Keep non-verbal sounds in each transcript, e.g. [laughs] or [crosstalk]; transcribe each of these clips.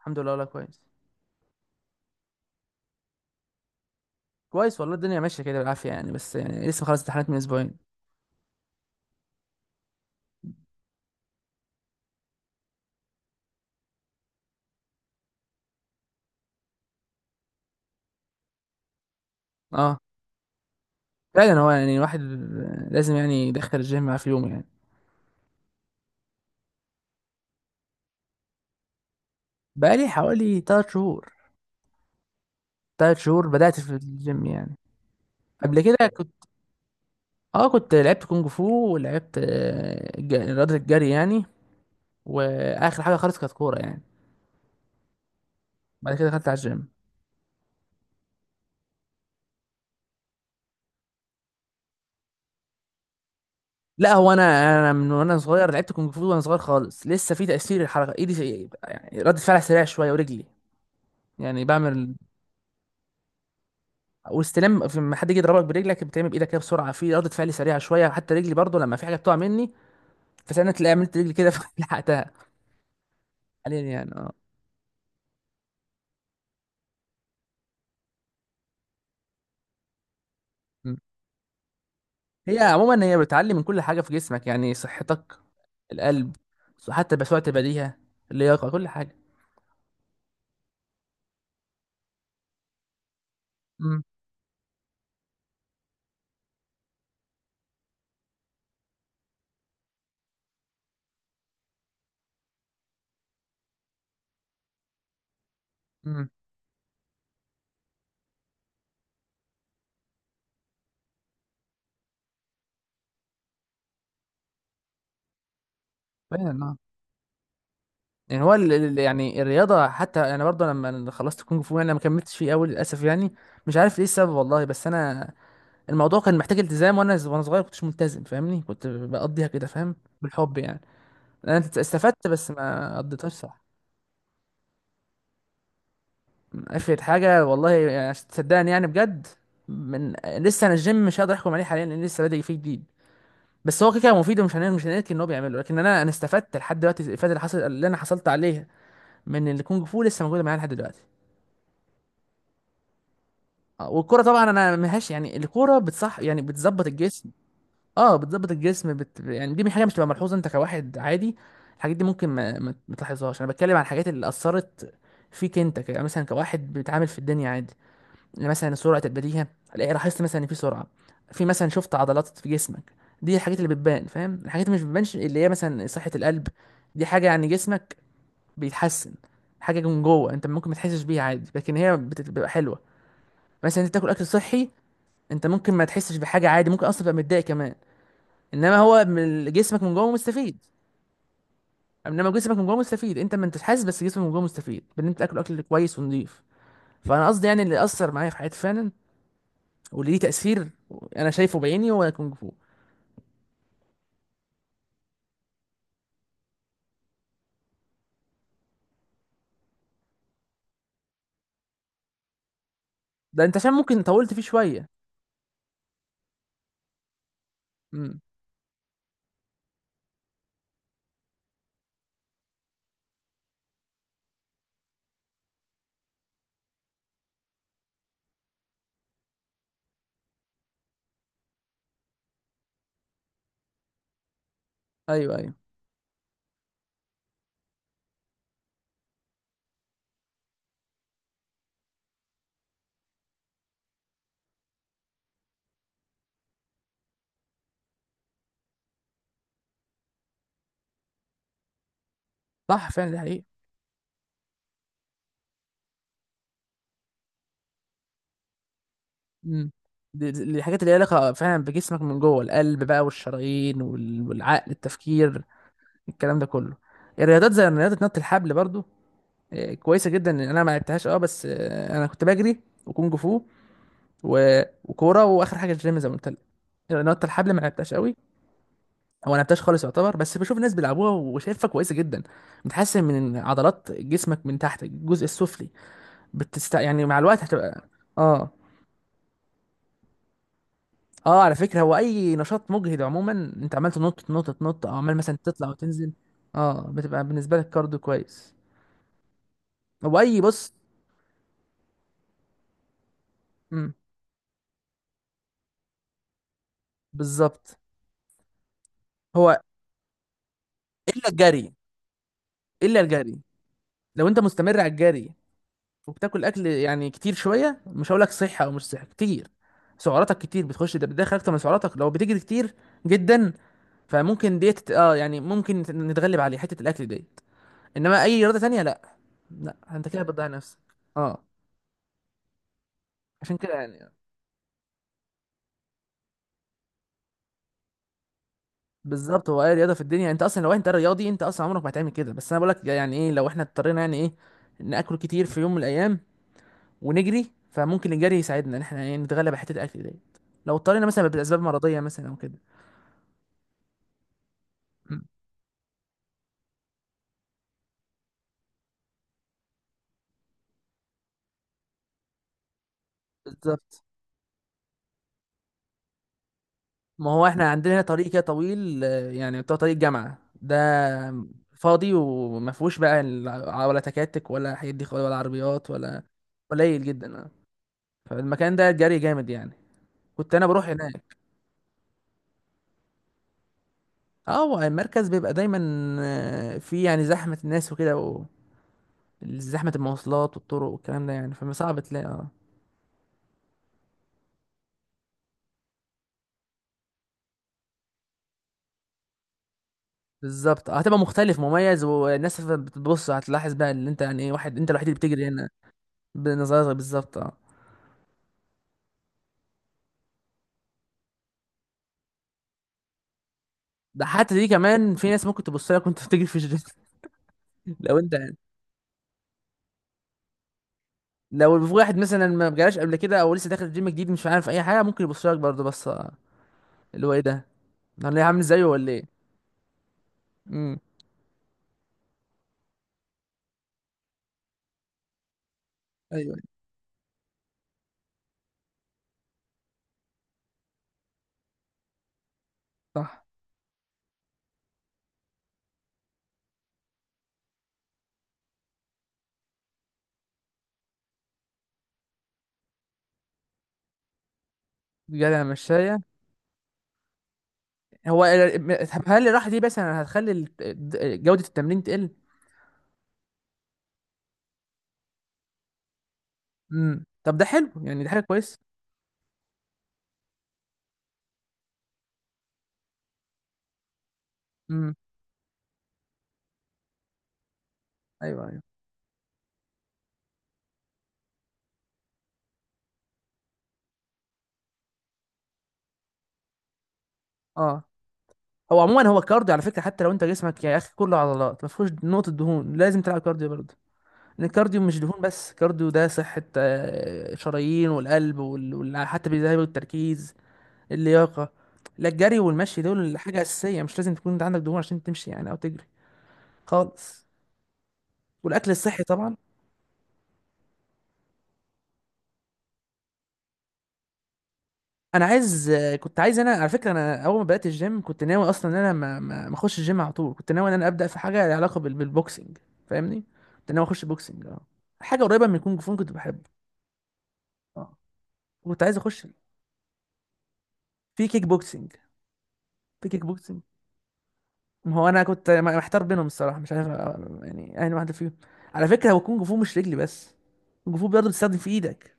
الحمد لله والله كويس. كويس والله، الدنيا ماشيه كده بالعافيه يعني، بس يعني لسه خلاص امتحانات من اسبوعين. اه، فعلا، هو يعني الواحد لازم يعني يدخل الجيم معاه في يومه يعني. بقالي حوالي 3 شهور. 3 شهور بدأت في الجيم يعني. قبل كده كنت لعبت كونج فو، ولعبت رياضة الجري يعني. واخر حاجة خالص كانت كورة يعني. بعد كده دخلت على الجيم. لا، هو انا، من وانا صغير لعبت كونج فو، وانا صغير خالص لسه في تأثير الحركة، ايدي يعني ردة فعل سريع شوية، ورجلي يعني بعمل واستلام لما حد يجي يضربك برجلك بتعمل بايدك كده بسرعه، في ردة فعل سريعه شويه. حتى رجلي برضو لما في حاجه بتقع مني، فساعتها تلاقي عملت رجلي كده [laughs] فلحقتها حاليا يعني. اه. م. هي عموما هي بتعلي من كل حاجه في جسمك، يعني صحتك، القلب، حتى بسرعه البديهه، اللياقه، كل حاجه. امم. امم. فعلا اه. يعني هو يعني الرياضه، حتى انا برضو لما خلصت كونج فو انا ما كملتش فيه قوي للاسف يعني. مش عارف ايه السبب والله، بس انا الموضوع كان محتاج التزام، وانا صغير كنتش ملتزم، فاهمني؟ كنت بقضيها كده، فاهم، بالحب يعني. انا استفدت بس ما قضيتهاش صح. افرض حاجه والله، يعني عشان تصدقني يعني بجد. من لسه انا الجيم مش هقدر احكم عليه حاليا، لان لسه بادئ فيه جديد. بس هو كده كده مفيد، ومش هننكر مش هننكر ان هو بيعمله. لكن انا استفدت لحد دلوقتي. الافاده اللي حصل اللي انا حصلت عليها من الكونج فو لسه موجوده معايا لحد دلوقتي. والكرة طبعا انا ملهاش يعني، الكرة بتصح يعني بتظبط الجسم. اه بتظبط الجسم يعني دي حاجه مش تبقى ملحوظه، انت كواحد عادي الحاجات دي ممكن ما تلاحظهاش. انا بتكلم عن الحاجات اللي اثرت فيك انت مثلا كواحد بيتعامل في الدنيا عادي. مثلا سرعه البديهه، الاقي لاحظت مثلا ان في سرعه، في مثلا شفت عضلات في جسمك. دي الحاجات اللي بتبان فاهم، الحاجات اللي مش بتبانش اللي هي مثلا صحه القلب، دي حاجه يعني جسمك بيتحسن، حاجه من جوه انت ممكن ما تحسش بيها عادي، لكن هي بتبقى حلوه. مثلا انت تاكل اكل صحي، انت ممكن ما تحسش بحاجه عادي، ممكن اصلا تبقى متضايق كمان، انما هو من جسمك من جوه مستفيد. انما جسمك من جوه مستفيد، انت ما انتش حاسس، بس جسمك من جوه مستفيد بان انت تاكل اكل كويس ونضيف. فانا قصدي يعني اللي اثر معايا في حياتي فعلا واللي ليه تأثير، انا شايفه بعيني، هو كونج فو. ده انت عشان ممكن طولت فيه شوية. امم. ايوه ايوه. صح فعلا ده حقيقي. امم. الحاجات اللي ليها علاقة فعلا بجسمك من جوه، القلب بقى والشرايين والعقل، التفكير، الكلام ده كله. الرياضات زي رياضة نط الحبل برضو، كويسة جدا. انا ما لعبتهاش اه، بس انا كنت بجري وكونج فو وكورة، واخر حاجة الجيم زي ما قلت لك. نط الحبل ما لعبتهاش قوي، هو ما لعبتهاش خالص يعتبر، بس بشوف الناس بيلعبوها وشايفها كويسه جدا، بتحسن من عضلات جسمك من تحت، الجزء السفلي، يعني مع الوقت هتبقى. اه. اه على فكره، هو اي نشاط مجهد عموما، انت عمال تنط تنط تنط، او عمال مثلا تطلع وتنزل، اه بتبقى بالنسبه لك كارديو كويس. هو اي بص. امم. بالظبط. هو، الا الجري الا الجري لو انت مستمر على الجري وبتاكل اكل يعني كتير شويه، مش هقول لك صحي او مش صحي، كتير سعراتك كتير، بتخش ده بتدخل اكتر من سعراتك لو بتجري كتير جدا، فممكن ديت اه يعني ممكن نتغلب عليه حته الاكل ديت. انما اي رياضه تانية لا، لا انت كده بتضيع نفسك. اه، عشان كده يعني. بالظبط، هو اي رياضه في الدنيا انت اصلا، لو انت رياضي انت اصلا عمرك ما هتعمل كده، بس انا بقول لك يعني ايه، لو احنا اضطرينا يعني ايه ناكل كتير في يوم من الايام ونجري، فممكن الجري يساعدنا ان احنا إيه نتغلب على حته الاكل ديت، لو اضطرينا مثلا باسباب مرضيه مثلا او كده. مم. بالظبط. ما هو احنا عندنا هنا طريق كده طويل، يعني بتاع طريق جامعة ده، فاضي وما فيهوش بقى ولا تكاتك ولا الحاجات دي خالص، ولا عربيات ولا، قليل جدا فالمكان ده جري جامد يعني، كنت انا بروح هناك. اه، هو المركز بيبقى دايما في يعني زحمة الناس وكده، وزحمة المواصلات والطرق والكلام ده يعني، فصعب تلاقي اه. بالظبط، هتبقى مختلف مميز، والناس بتبص هتلاحظ بقى ان انت يعني ايه واحد، انت الوحيد اللي بتجري هنا، بنظرك بالظبط اه. ده حتى دي كمان في ناس ممكن تبص لك وانت بتجري في الجيم. [laughs] لو انت، لو في واحد مثلا ما جالهاش قبل كده او لسه داخل الجيم جديد مش عارف اي حاجه ممكن يبص لك برضه، بس اللي هو ايه ده، انا ليه عامل زيه ولا ايه؟ امم. ايوه. صح. جدع مشاية. هو طب هل الراحه دي بس انا هتخلي جوده التمرين تقل؟ امم، طب ده حلو يعني، ده حاجه كويسه. امم. ايوه ايوه. اه هو عموما، هو الكارديو على فكره حتى لو انت جسمك يا اخي كله عضلات ما فيهوش نقطه دهون، لازم تلعب كارديو برضه، ان الكارديو مش دهون بس، كارديو ده صحة، شرايين والقلب حتى بيذهب التركيز، اللياقة. لا، الجري والمشي دول حاجة أساسية، مش لازم تكون انت عندك دهون عشان تمشي يعني، أو تجري خالص. والأكل الصحي طبعا. أنا عايز كنت عايز، أنا على فكرة أنا أول ما بدأت الجيم كنت ناوي أصلا إن أنا ما أخش الجيم على طول، كنت ناوي إن أنا أبدأ في حاجة لها علاقة بالبوكسنج، فاهمني؟ كنت ناوي أخش بوكسنج أه، حاجة قريبة من الكونج فو كنت بحبه. اه. كنت عايز أخش في كيك بوكسنج. في كيك بوكسنج، ما هو انا كنت محتار بينهم الصراحه، مش عارف يعني اي واحده فيهم. على فكره، هو كونج فو مش رجلي بس، كونج فو برضه بتستخدم في ايدك.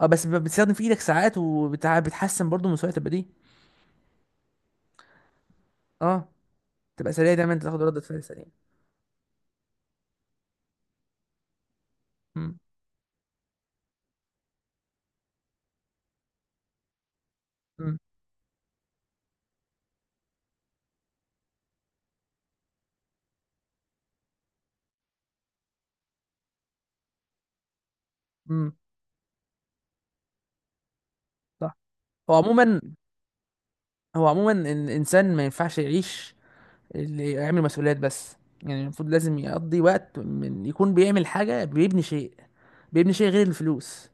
اه بس بتستخدم في ايدك ساعات، وبتحسن برضه من سرعه البديهه. اه، تبقى سريع دايما، انت تاخد ردة فعل سريع. امم. امم. امم. صح. هو عموما، هو عموما الانسان ما ينفعش يعيش اللي يعمل مسؤوليات بس، يعني المفروض لازم يقضي وقت من يكون بيعمل حاجه، بيبني شيء غير الفلوس.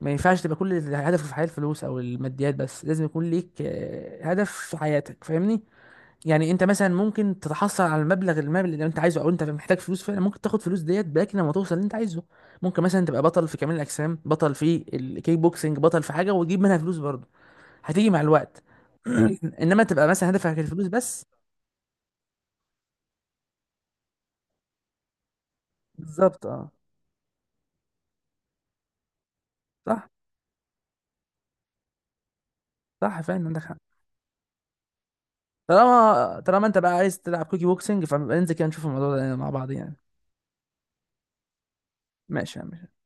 ما ينفعش تبقى كل هدفه في الحياة الفلوس او الماديات بس، لازم يكون ليك هدف في حياتك، فاهمني؟ يعني انت مثلا ممكن تتحصل على المبلغ، المال اللي انت عايزه، او انت محتاج فلوس فعلا ممكن تاخد فلوس ديت باك لما توصل اللي انت عايزه. ممكن مثلا تبقى بطل في كمال الاجسام، بطل في الكيك بوكسنج، بطل في حاجة وتجيب منها فلوس برضه، هتيجي مع الوقت. [clears throat] انما تبقى مثلا هدفك الفلوس بس. بالظبط اه. صح. صح فعلا عندك حق. طالما طالما انت بقى عايز تلعب كوكي بوكسنج، فننزل كده نشوف الموضوع ده مع بعض يعني. ماشي يا عم.